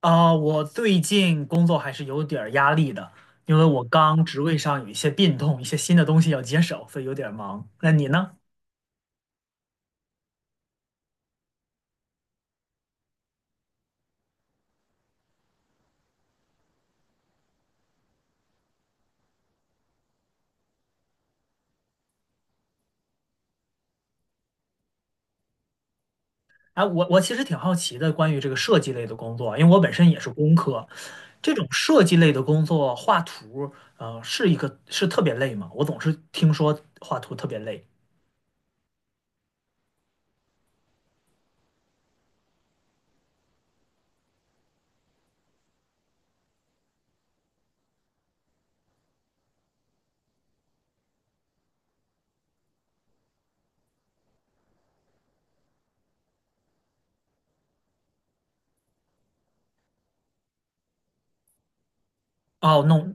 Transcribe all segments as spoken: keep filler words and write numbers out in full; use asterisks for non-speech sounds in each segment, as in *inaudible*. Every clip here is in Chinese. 啊，我最近工作还是有点儿压力的，因为我刚职位上有一些变动，一些新的东西要接手，所以有点儿忙。那你呢？哎，我我其实挺好奇的，关于这个设计类的工作啊，因为我本身也是工科，这种设计类的工作，画图，呃，是一个是特别累吗？我总是听说画图特别累。哦，那我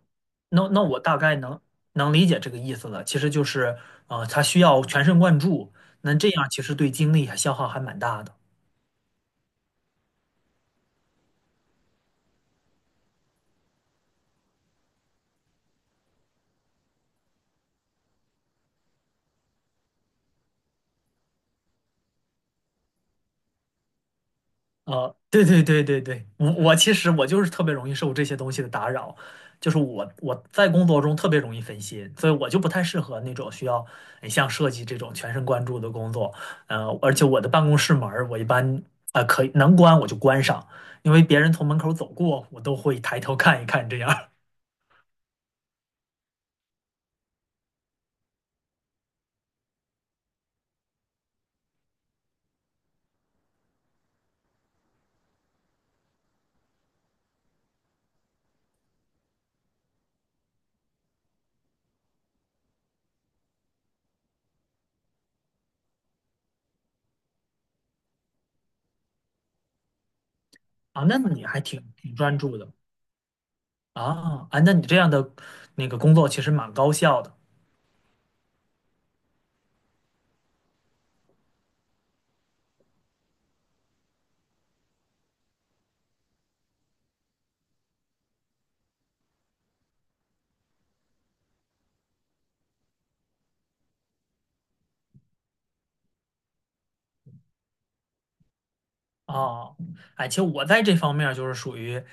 那那我大概能能理解这个意思了，其实就是，呃，它需要全神贯注，那这样其实对精力还消耗还蛮大的。呃，对对对对对，我我其实我就是特别容易受这些东西的打扰，就是我我在工作中特别容易分心，所以我就不太适合那种需要哎像设计这种全神贯注的工作。呃，而且我的办公室门儿我一般呃可以能关我就关上，因为别人从门口走过，我都会抬头看一看这样儿 *laughs* 啊，那你还挺挺专注的。啊。啊，那你这样的那个工作其实蛮高效的。哦，哎，其实我在这方面儿就是属于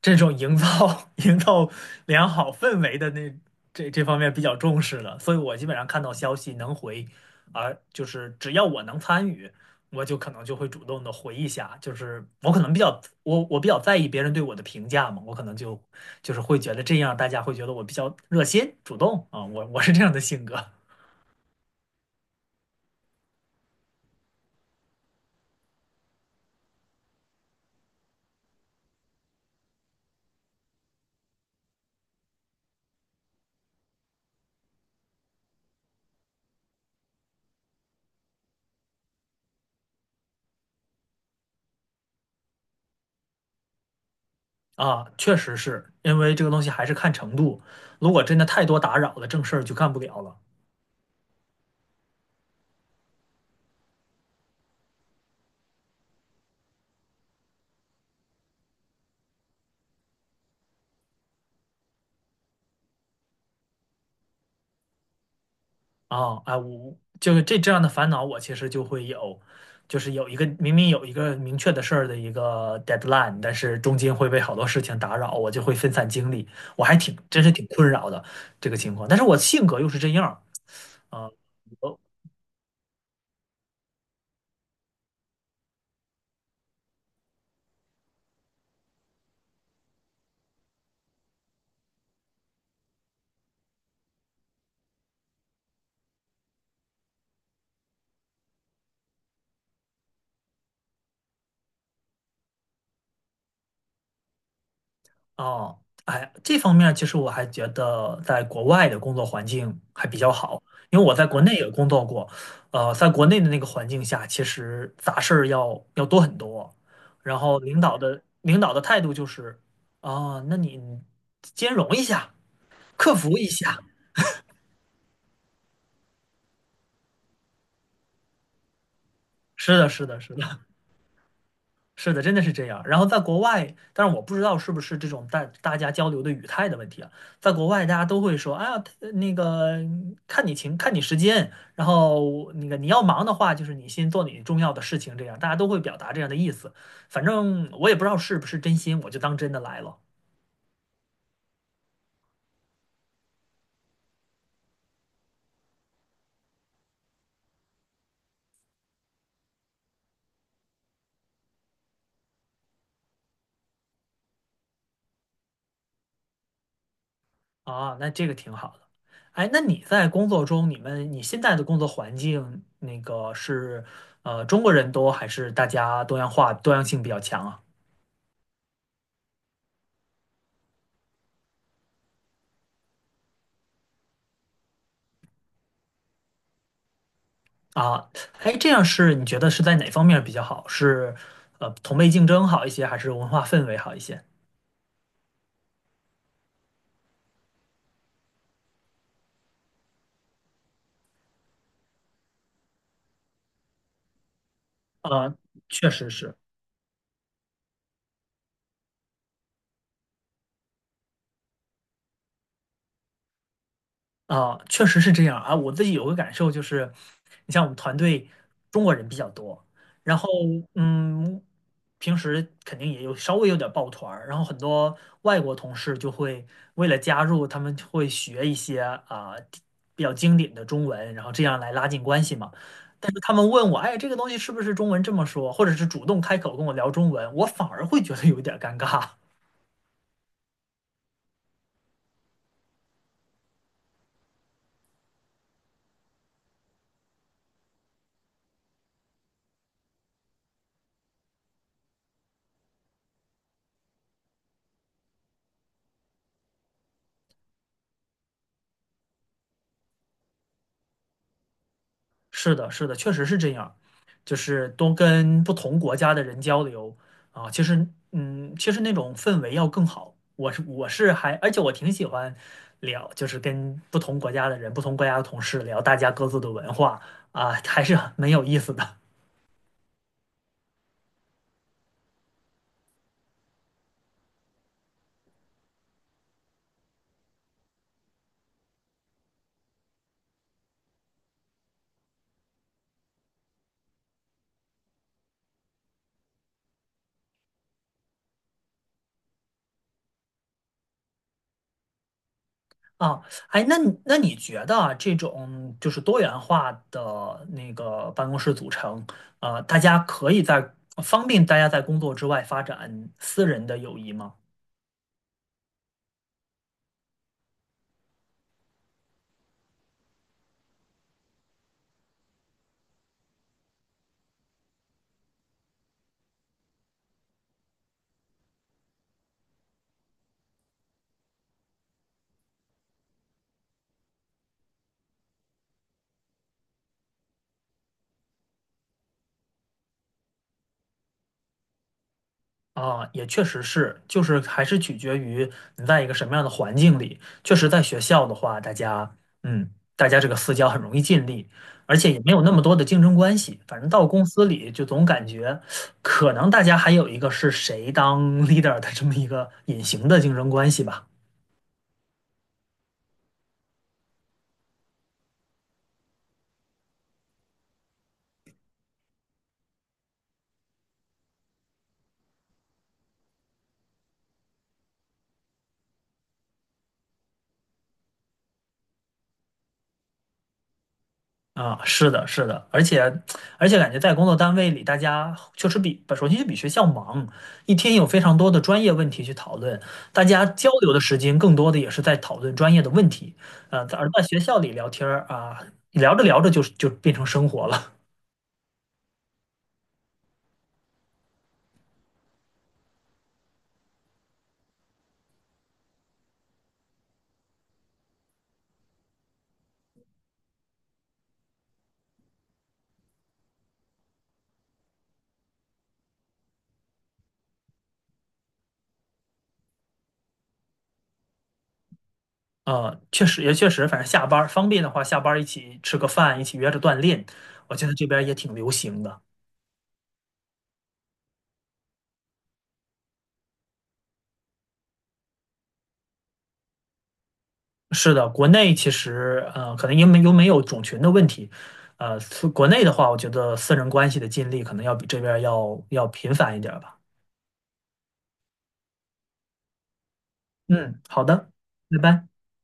这种营造 *laughs* 营造良好氛围的那这这方面比较重视的，所以我基本上看到消息能回，而就是只要我能参与，我就可能就会主动的回一下，就是我可能比较我我比较在意别人对我的评价嘛，我可能就就是会觉得这样大家会觉得我比较热心主动啊，我我是这样的性格啊，确实是因为这个东西还是看程度，如果真的太多打扰了，正事儿就干不了了。啊啊，我就是这这样的烦恼，我其实就会有，就是有一个明明有一个明确的事儿的一个 deadline，但是中间会被好多事情打扰，我就会分散精力，我还挺真是挺困扰的这个情况。但是我性格又是这样儿啊，我。哦，哎，这方面其实我还觉得在国外的工作环境还比较好，因为我在国内也工作过，呃，在国内的那个环境下，其实杂事儿要要多很多，然后领导的领导的态度就是，啊，那你兼容一下，克服一下，是的，是的，是的，是的，真的是这样。然后在国外，但是我不知道是不是这种大大家交流的语态的问题啊。在国外，大家都会说，哎呀，他那个看你情，看你时间，然后那个你要忙的话，就是你先做你重要的事情，这样大家都会表达这样的意思。反正我也不知道是不是真心，我就当真的来了啊。那这个挺好的。哎，那你在工作中，你们你现在的工作环境，那个是呃中国人多还是大家多样化、多样性比较强啊？啊，哎，这样是你觉得是在哪方面比较好？是呃同辈竞争好一些，还是文化氛围好一些？呃，确实是。啊，确实是这样啊。我自己有个感受就是，你像我们团队中国人比较多，然后嗯，平时肯定也有稍微有点抱团儿，然后很多外国同事就会为了加入，他们会学一些啊比较经典的中文，然后这样来拉近关系嘛。但是他们问我，哎，这个东西是不是中文这么说，或者是主动开口跟我聊中文，我反而会觉得有点尴尬。是的，是的，确实是这样，就是多跟不同国家的人交流啊，其实，嗯，其实那种氛围要更好。我是我是还，而且我挺喜欢聊，就是跟不同国家的人、不同国家的同事聊大家各自的文化啊，还是很有意思的啊。哎，那你那你觉得啊这种就是多元化的那个办公室组成，啊，大家可以在方便大家在工作之外发展私人的友谊吗？啊，也确实是，就是还是取决于你在一个什么样的环境里。确实，在学校的话，大家，嗯，大家这个私交很容易建立，而且也没有那么多的竞争关系。反正到公司里，就总感觉可能大家还有一个是谁当 leader 的这么一个隐形的竞争关系吧。啊，是的，是的，而且而且感觉在工作单位里，大家确实比首先就比学校忙，一天有非常多的专业问题去讨论，大家交流的时间更多的也是在讨论专业的问题，呃，在而在学校里聊天儿啊，聊着聊着就就变成生活了，呃，确实也确实，反正下班儿方便的话，下班儿一起吃个饭，一起约着锻炼，我觉得这边儿也挺流行的。是的，国内其实呃，可能因为又没有种群的问题，呃，是国内的话，我觉得私人关系的建立可能要比这边儿要要频繁一点儿吧。嗯，好的，拜拜。